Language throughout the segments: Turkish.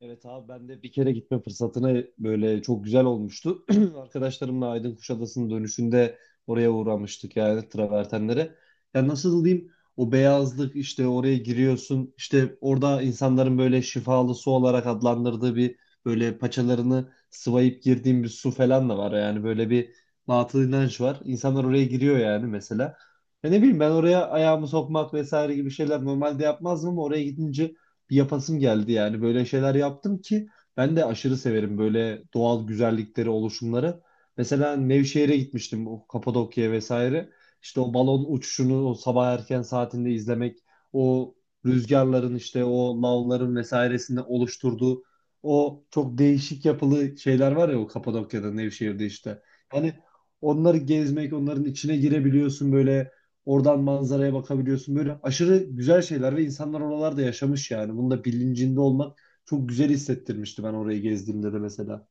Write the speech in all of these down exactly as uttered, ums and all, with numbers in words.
Evet abi ben de bir kere gitme fırsatına böyle çok güzel olmuştu. Arkadaşlarımla Aydın Kuşadası'nın dönüşünde oraya uğramıştık yani travertenlere. Ya nasıl diyeyim, o beyazlık işte oraya giriyorsun, işte orada insanların böyle şifalı su olarak adlandırdığı bir, böyle paçalarını sıvayıp girdiğim bir su falan da var. Yani böyle bir batıl inanç var. İnsanlar oraya giriyor yani, mesela. Ya ne bileyim, ben oraya ayağımı sokmak vesaire gibi şeyler normalde yapmazdım ama oraya gidince bir yapasım geldi yani. Böyle şeyler yaptım ki ben de aşırı severim böyle doğal güzellikleri, oluşumları. Mesela Nevşehir'e gitmiştim, o Kapadokya'ya vesaire. İşte o balon uçuşunu o sabah erken saatinde izlemek, o rüzgarların işte o lavların vesairesinde oluşturduğu o çok değişik yapılı şeyler var ya o Kapadokya'da, Nevşehir'de işte. Yani onları gezmek, onların içine girebiliyorsun böyle. Oradan manzaraya bakabiliyorsun. Böyle aşırı güzel şeyler ve insanlar oralarda yaşamış yani. Bunun da bilincinde olmak çok güzel hissettirmişti ben orayı gezdiğimde de mesela.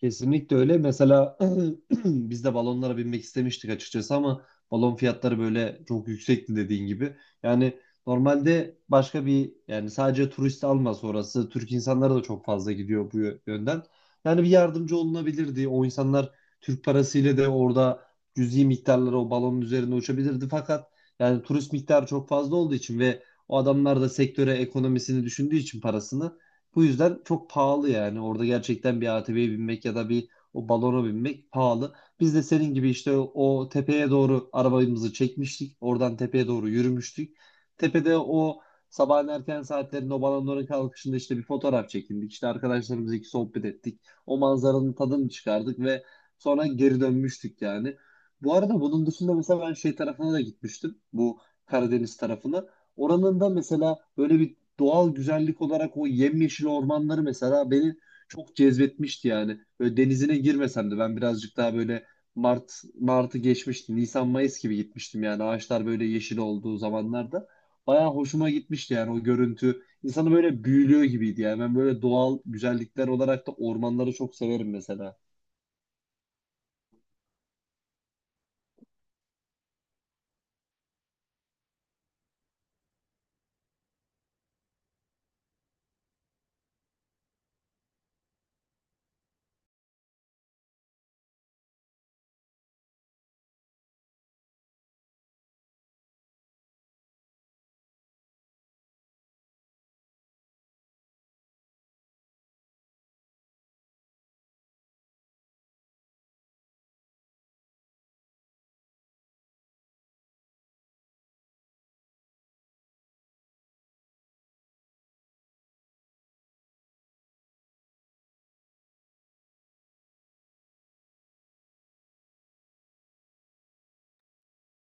Kesinlikle öyle. Mesela biz de balonlara binmek istemiştik açıkçası ama balon fiyatları böyle çok yüksekti dediğin gibi. Yani normalde başka bir, yani sadece turist almaz orası. Türk insanları da çok fazla gidiyor bu yö- yönden. Yani bir yardımcı olunabilirdi. O insanlar Türk parasıyla de orada cüzi miktarları o balonun üzerinde uçabilirdi. Fakat yani turist miktarı çok fazla olduğu için ve o adamlar da sektöre ekonomisini düşündüğü için parasını, bu yüzden çok pahalı yani. Orada gerçekten bir A T V'ye binmek ya da bir o balona binmek pahalı. Biz de senin gibi işte o o tepeye doğru arabamızı çekmiştik. Oradan tepeye doğru yürümüştük. Tepede o sabahın erken saatlerinde o balonların kalkışında işte bir fotoğraf çekindik. İşte arkadaşlarımızla iki sohbet ettik. O manzaranın tadını çıkardık ve sonra geri dönmüştük yani. Bu arada bunun dışında mesela ben şey tarafına da gitmiştim. Bu Karadeniz tarafına. Oranın da mesela böyle bir doğal güzellik olarak o yemyeşil ormanları mesela beni çok cezbetmişti yani. Böyle denizine girmesem de ben birazcık daha böyle Mart Mart'ı geçmişti. Nisan Mayıs gibi gitmiştim yani, ağaçlar böyle yeşil olduğu zamanlarda. Bayağı hoşuma gitmişti yani o görüntü. İnsanı böyle büyülüyor gibiydi yani. Ben böyle doğal güzellikler olarak da ormanları çok severim mesela.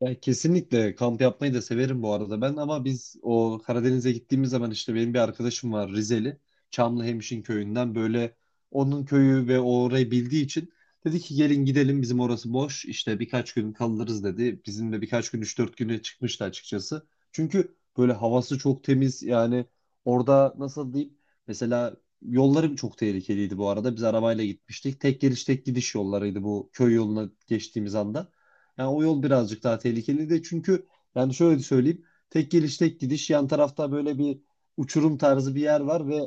Ya kesinlikle kamp yapmayı da severim bu arada ben, ama biz o Karadeniz'e gittiğimiz zaman işte benim bir arkadaşım var Rizeli. Çamlıhemşin köyünden, böyle onun köyü ve o orayı bildiği için dedi ki gelin gidelim, bizim orası boş işte birkaç gün kalırız dedi. Bizimle birkaç gün üç dört güne çıkmıştı açıkçası. Çünkü böyle havası çok temiz yani. Orada nasıl diyeyim, mesela yolları çok tehlikeliydi bu arada, biz arabayla gitmiştik. Tek geliş tek gidiş yollarıydı bu köy yoluna geçtiğimiz anda. Yani o yol birazcık daha tehlikeli de, çünkü yani şöyle söyleyeyim. Tek geliş tek gidiş, yan tarafta böyle bir uçurum tarzı bir yer var ve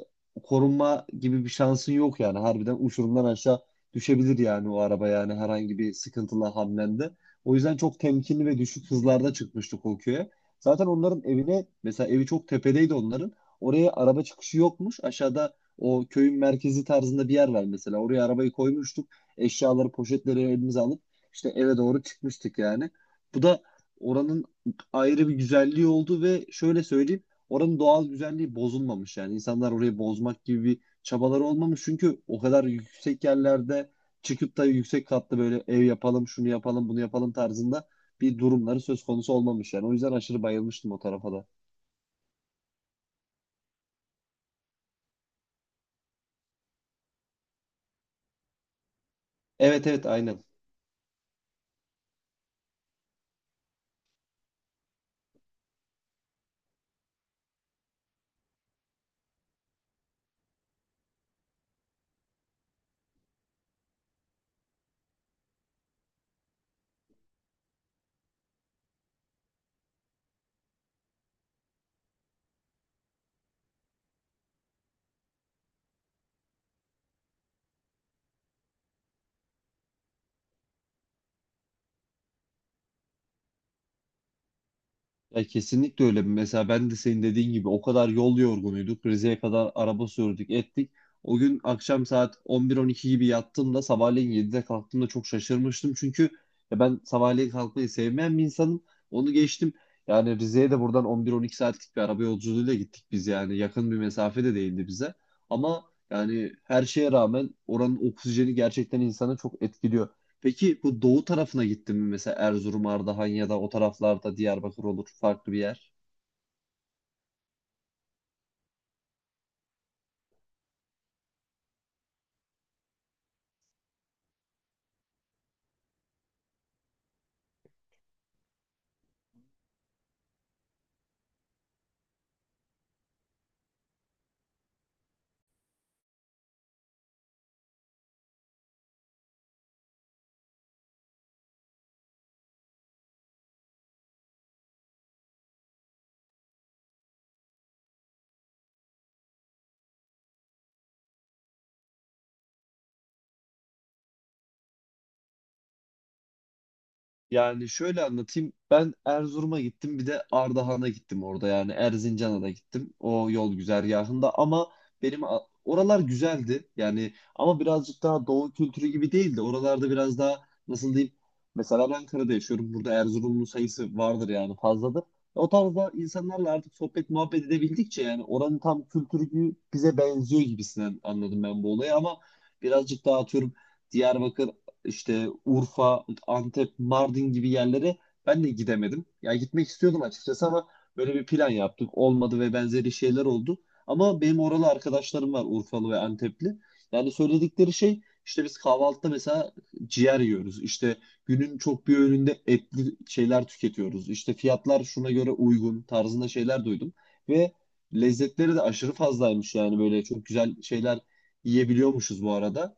korunma gibi bir şansın yok yani. Harbiden uçurumdan aşağı düşebilir yani o araba, yani herhangi bir sıkıntıla hamlende. O yüzden çok temkinli ve düşük hızlarda çıkmıştık o köye. Zaten onların evine, mesela evi çok tepedeydi onların. Oraya araba çıkışı yokmuş. Aşağıda o köyün merkezi tarzında bir yer var mesela. Oraya arabayı koymuştuk. Eşyaları, poşetleri elimize alıp işte eve doğru çıkmıştık yani. Bu da oranın ayrı bir güzelliği oldu ve şöyle söyleyeyim, oranın doğal güzelliği bozulmamış yani. İnsanlar orayı bozmak gibi bir çabaları olmamış, çünkü o kadar yüksek yerlerde çıkıp da yüksek katlı böyle ev yapalım, şunu yapalım, bunu yapalım tarzında bir durumları söz konusu olmamış yani. O yüzden aşırı bayılmıştım o tarafa da. Evet, evet, aynen. Ya kesinlikle öyle. Mesela ben de senin dediğin gibi o kadar yol yorgunuyduk. Rize'ye kadar araba sürdük, ettik. O gün akşam saat on bir on iki gibi yattığımda sabahleyin yedide kalktığımda çok şaşırmıştım. Çünkü ya ben sabahleyin kalkmayı sevmeyen bir insanım. Onu geçtim. Yani Rize'ye de buradan on bir on iki saatlik bir araba yolculuğuyla gittik biz yani. Yakın bir mesafe de değildi bize. Ama yani her şeye rağmen oranın oksijeni gerçekten insanı çok etkiliyor. Peki bu doğu tarafına gittin mi mesela Erzurum, Ardahan ya da o taraflarda Diyarbakır olur farklı bir yer? Yani şöyle anlatayım. Ben Erzurum'a gittim, bir de Ardahan'a gittim, orada yani Erzincan'a da gittim o yol güzergahında ama benim, a- oralar güzeldi yani, ama birazcık daha doğu kültürü gibi değildi. Oralarda biraz daha nasıl diyeyim, mesela ben Ankara'da yaşıyorum, burada Erzurumlu sayısı vardır yani, fazladır. O tarzda insanlarla artık sohbet muhabbet edebildikçe yani oranın tam kültürü gibi bize benziyor gibisinden anladım ben bu olayı, ama birazcık daha atıyorum Diyarbakır, işte Urfa, Antep, Mardin gibi yerlere ben de gidemedim. Ya gitmek istiyordum açıkçası ama böyle bir plan yaptık, olmadı ve benzeri şeyler oldu. Ama benim oralı arkadaşlarım var, Urfalı ve Antepli. Yani söyledikleri şey, işte biz kahvaltıda mesela ciğer yiyoruz. İşte günün çok bir öğününde etli şeyler tüketiyoruz. İşte fiyatlar şuna göre uygun tarzında şeyler duydum. Ve lezzetleri de aşırı fazlaymış yani, böyle çok güzel şeyler yiyebiliyormuşuz bu arada.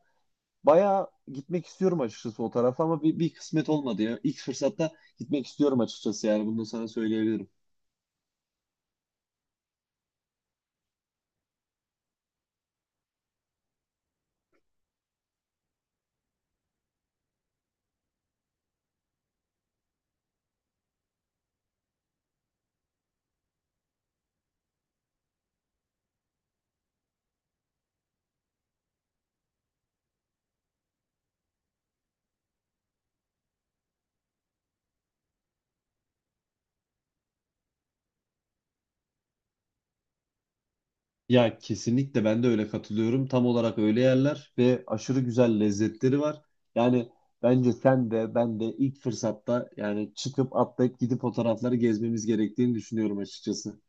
Bayağı gitmek istiyorum açıkçası o tarafa, ama bir, bir kısmet olmadı ya. İlk fırsatta gitmek istiyorum açıkçası yani, bunu da sana söyleyebilirim. Ya kesinlikle ben de öyle katılıyorum. Tam olarak öyle yerler ve aşırı güzel lezzetleri var. Yani bence sen de ben de ilk fırsatta yani çıkıp atlayıp gidip o tarafları gezmemiz gerektiğini düşünüyorum açıkçası.